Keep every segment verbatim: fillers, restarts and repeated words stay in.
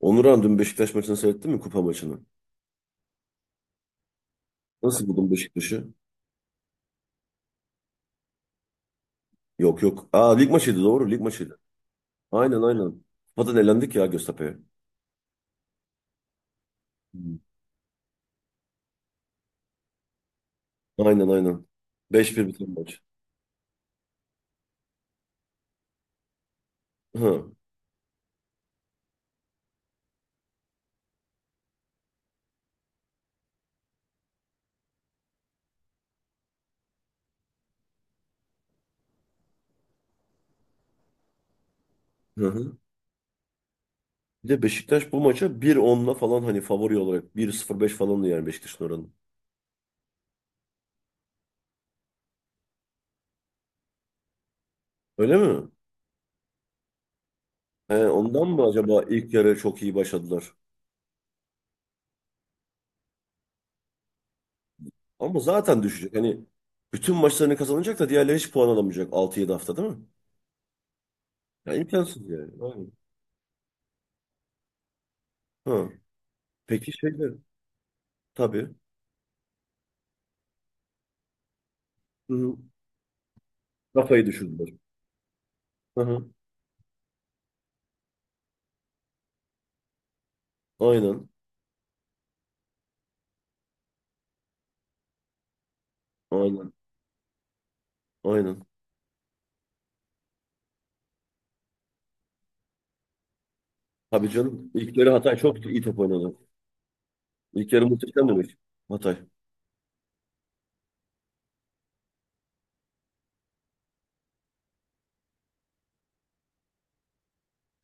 Onuran dün Beşiktaş maçını seyrettin mi? Kupa maçını. Nasıl buldun Beşiktaş'ı? Yok yok. Aa lig maçıydı doğru lig maçıydı. Aynen aynen. Kupadan elendik ya Göztepe'ye. Hı. Aynen aynen. Beş bir biten maç. Hı. Hı hı. Bir de Beşiktaş bu maça bir onla falan hani favori olarak bir sıfır beş falandı yani Beşiktaş'ın oranı. Öyle mi? He, ondan mı acaba ilk yarı çok iyi başladılar? Ama zaten düşecek. Hani bütün maçlarını kazanacak da diğerleri hiç puan alamayacak altı yedi hafta değil mi? Ya imkansız yani. Aynen. Hı. Peki şeyde Tabii. Hı hı. Kafayı düşündüler. Hı hı. Aynen. Aynen. Aynen. Tabii canım. İlk yarı Hatay çok iyi top oynadı. İlk yarı muhteşem demek. Hatay.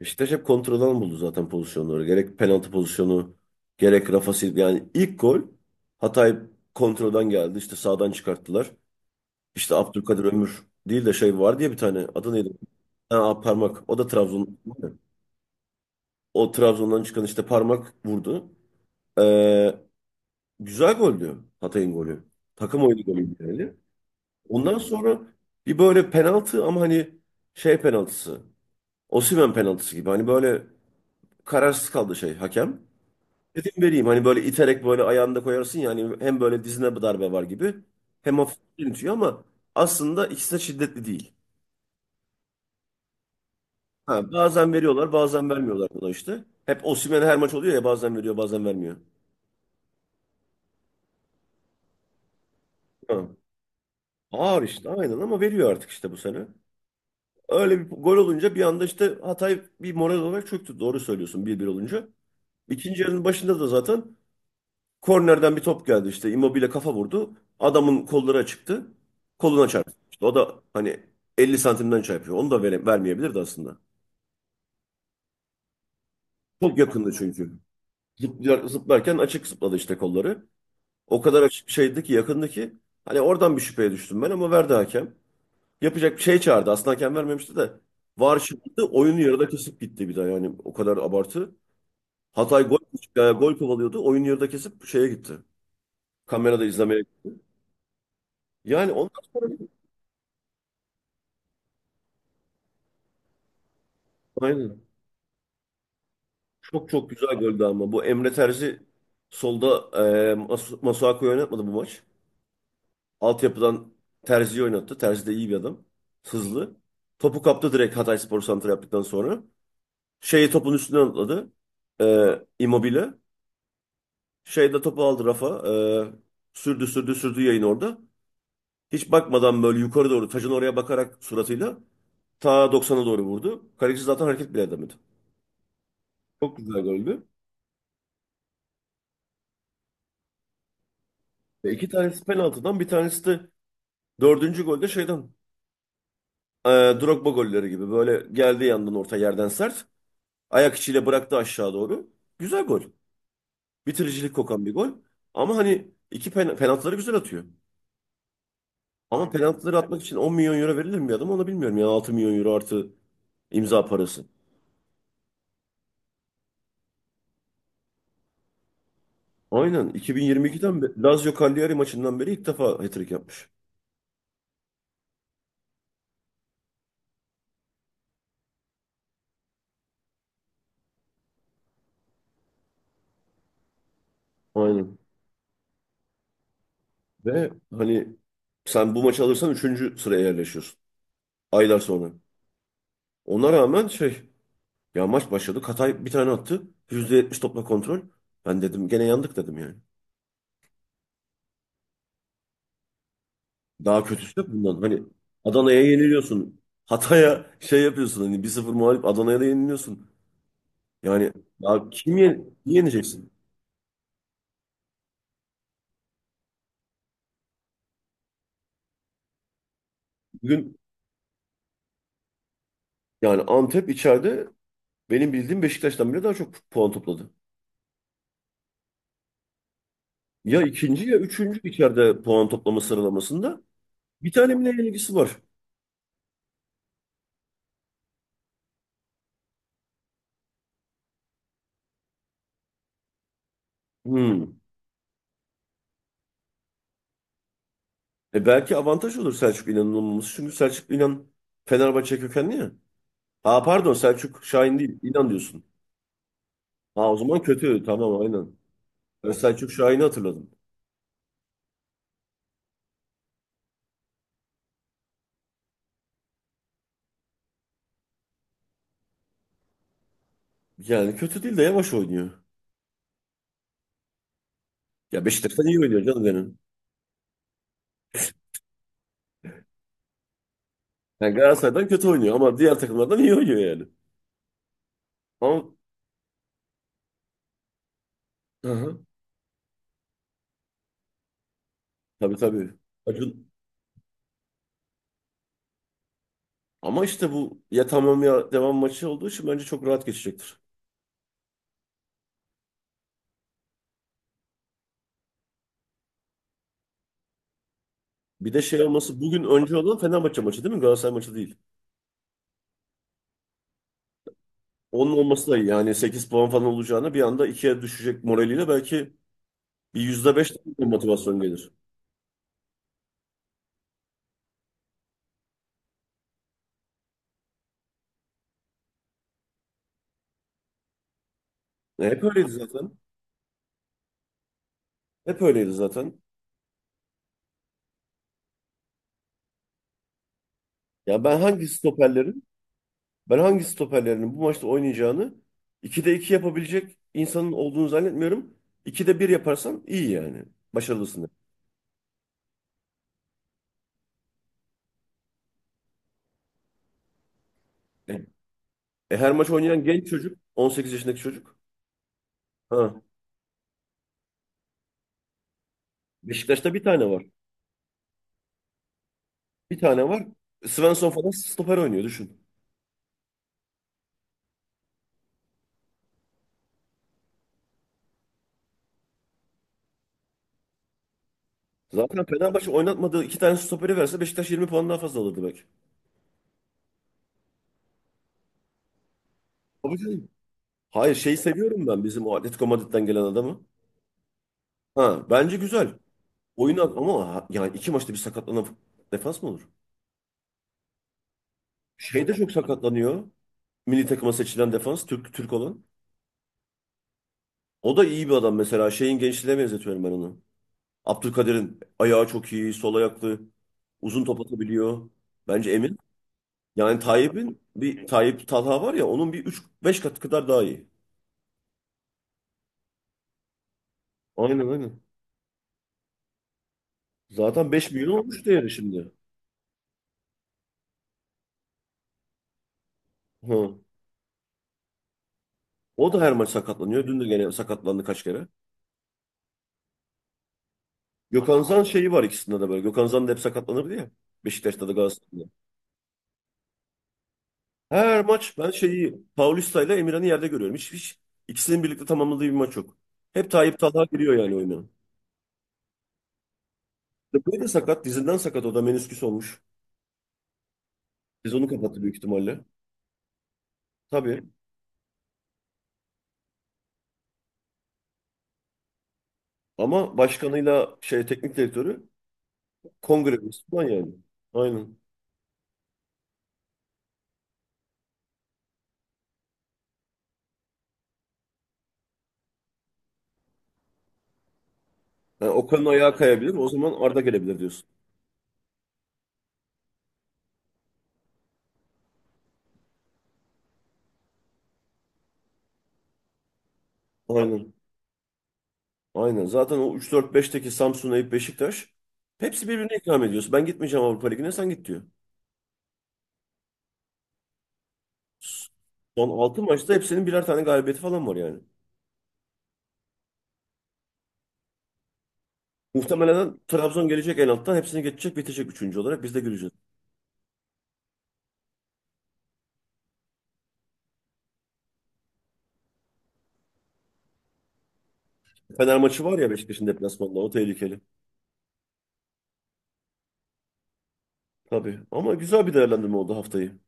Beşiktaş hep kontradan buldu zaten pozisyonları. Gerek penaltı pozisyonu, gerek Rafa Silva. Yani ilk gol Hatay kontradan geldi. İşte sağdan çıkarttılar. İşte Abdülkadir Ömür değil de şey var diye bir tane. Adı neydi? Ha, parmak. O da Trabzon. O Trabzon'dan çıkan işte parmak vurdu. Ee, Güzel goldü Hatay'ın golü. Takım oyunu golü yani. Ondan sonra bir böyle penaltı ama hani şey penaltısı. Osimhen penaltısı gibi. Hani böyle kararsız kaldı şey hakem. Dedim vereyim hani böyle iterek böyle ayağında koyarsın yani hem böyle dizine bir darbe var gibi hem hafif initiyor ama aslında ikisi de şiddetli değil. Ha, bazen veriyorlar bazen vermiyorlar buna işte. Hep Osimhen her maç oluyor ya bazen veriyor bazen vermiyor. Ha. Ağır işte aynen ama veriyor artık işte bu sene. Öyle bir gol olunca bir anda işte Hatay bir moral olarak çöktü. Doğru söylüyorsun bir bir olunca. İkinci yarının başında da zaten kornerden bir top geldi işte Immobile kafa vurdu. Adamın kolları açıktı. Koluna çarptı. İşte o da hani elli santimden çarpıyor. Onu da vere, vermeyebilirdi aslında. Çok yakındı çünkü. Zıplar, zıplarken açık zıpladı işte kolları. O kadar açık şeydi ki yakındı ki. Hani oradan bir şüpheye düştüm ben ama verdi hakem. Yapacak bir şey çağırdı. Aslında hakem vermemişti de. VAR çıktı. Oyunu yarıda kesip gitti bir daha yani o kadar abartı. Hatay gol, e, gol kovalıyordu. Oyun yarıda kesip şeye gitti. Kamerada izlemeye. Yani ondan sonra aynen. Çok çok güzel goldü ama. Bu Emre Terzi solda e, Mas Masuaku'yu oynatmadı bu maç. Altyapıdan Terzi'yi oynattı. Terzi de iyi bir adam. Hızlı. Topu kaptı direkt Hatayspor santra yaptıktan sonra. Şeyi topun üstünden atladı. E, Immobile. Şey de topu aldı Rafa. E, sürdü sürdü sürdü yayın orada. Hiç bakmadan böyle yukarı doğru taşın oraya bakarak suratıyla Ta doksana doğru vurdu. Kaleci zaten hareket bile edemedi. Çok güzel goldü. Ve iki tanesi penaltıdan bir tanesi de dördüncü golde şeyden e, Drogba golleri gibi böyle geldiği yandan orta yerden sert. Ayak içiyle bıraktı aşağı doğru. Güzel gol. Bitiricilik kokan bir gol. Ama hani iki pen penaltıları güzel atıyor. Ama penaltıları atmak için on milyon euro milyon euro verilir mi bir adam onu bilmiyorum. Yani altı milyon euro milyon euro artı imza parası. Aynen. iki bin yirmi ikiden beri Lazio Cagliari maçından beri ilk defa hat-trick yapmış. Aynen. Ve hani sen bu maçı alırsan üçüncü sıraya yerleşiyorsun. Aylar sonra. Ona rağmen şey ya maç başladı. Katay bir tane attı. yüzde yetmiş topla kontrol. Ben dedim gene yandık dedim yani. Daha kötüsü de bundan. Hani Adana'ya yeniliyorsun. Hatay'a şey yapıyorsun hani bir sıfır mağlup Adana'ya da yeniliyorsun. Yani ya kim yen yeneceksin? Bugün yani Antep içeride benim bildiğim Beşiktaş'tan bile daha çok puan topladı. Ya ikinci ya üçüncü içeride puan toplama sıralamasında. Bir tane mi ne ilgisi var? Hmm. E belki avantaj olur Selçuk İnan'ın olmaması. Çünkü Selçuk İnan Fenerbahçe kökenli ya. Ha pardon Selçuk Şahin değil. İnan diyorsun. Ha o zaman kötü. Tamam aynen. Ben Selçuk Şahin'i hatırladım. Yani kötü değil de yavaş oynuyor. Ya Beşiktaş'tan iyi oynuyor canım benim. Yani Galatasaray'dan kötü oynuyor ama diğer takımlardan iyi oynuyor yani. Ama hı hı. Tabii tabii. Acun. Ama işte bu ya tamam ya devam maçı olduğu için bence çok rahat geçecektir. Bir de şey olması bugün önce olan Fenerbahçe maçı değil mi? Galatasaray maçı değil. Onun olması da iyi. Yani sekiz puan falan olacağına bir anda ikiye düşecek moraliyle belki bir yüzde beş de motivasyon gelir. E, hep öyleydi zaten. Hep öyleydi zaten. Ya ben hangi stoperlerin ben hangi stoperlerin bu maçta oynayacağını ikide iki yapabilecek insanın olduğunu zannetmiyorum. ikide bir yaparsan iyi yani. Başarılısın. E, e, Her maç oynayan genç çocuk, on sekiz yaşındaki çocuk. Ha. Beşiktaş'ta bir tane var. Bir tane var. Svensson falan stoper oynuyor düşün. Zaten Fenerbahçe oynatmadığı iki tane stoperi verse Beşiktaş yirmi puan daha fazla alır demek. Tabii canım. Hayır şeyi seviyorum ben bizim o Atletico Madrid'den gelen adamı. Ha bence güzel. Oyunu ama ha- yani iki maçta bir sakatlanan defans mı olur? Şey de çok sakatlanıyor. Milli takıma seçilen defans Türk Türk olan. O da iyi bir adam mesela. Şeyin gençliğine benzetiyorum ben onu. Abdülkadir'in ayağı çok iyi, sol ayaklı, uzun top atabiliyor. Bence Emin. Yani Tayyip'in bir Tayyip Talha var ya onun bir üç beş kat kadar daha iyi. Aynen aynen. Zaten beş milyon olmuş değeri şimdi. Hı. O da her maç sakatlanıyor. Dün de gene sakatlandı kaç kere. Gökhan Zan şeyi var ikisinde de böyle. Gökhan Zan da hep sakatlanırdı ya. Beşiktaş'ta da Galatasaray'da. Her maç ben şeyi Paulista ile Emirhan'ı yerde görüyorum. Hiç, hiç ikisinin birlikte tamamladığı bir maç yok. Hep Tayyip Talha giriyor yani oyuna. Dıpkı da sakat. Dizinden sakat. O da menisküs olmuş. Biz onu kapattı büyük ihtimalle. Tabii. Ama başkanıyla şey teknik direktörü kongre üyesi falan yani. Aynen. Yani Okan'ın ayağı kayabilir. O zaman Arda gelebilir diyorsun. Aynen. Aynen. Zaten o üç dört beşteki Samsun, Eyüp, Beşiktaş hepsi birbirine ikram ediyorsun. Ben gitmeyeceğim Avrupa Ligi'ne sen git diyor. Son altı maçta hepsinin birer tane galibiyeti falan var yani. Muhtemelen Trabzon gelecek en alttan hepsini geçecek bitecek üçüncü olarak biz de göreceğiz. Fener maçı var ya Beşiktaş'ın deplasmanında o tehlikeli. Tabii ama güzel bir değerlendirme oldu haftayı.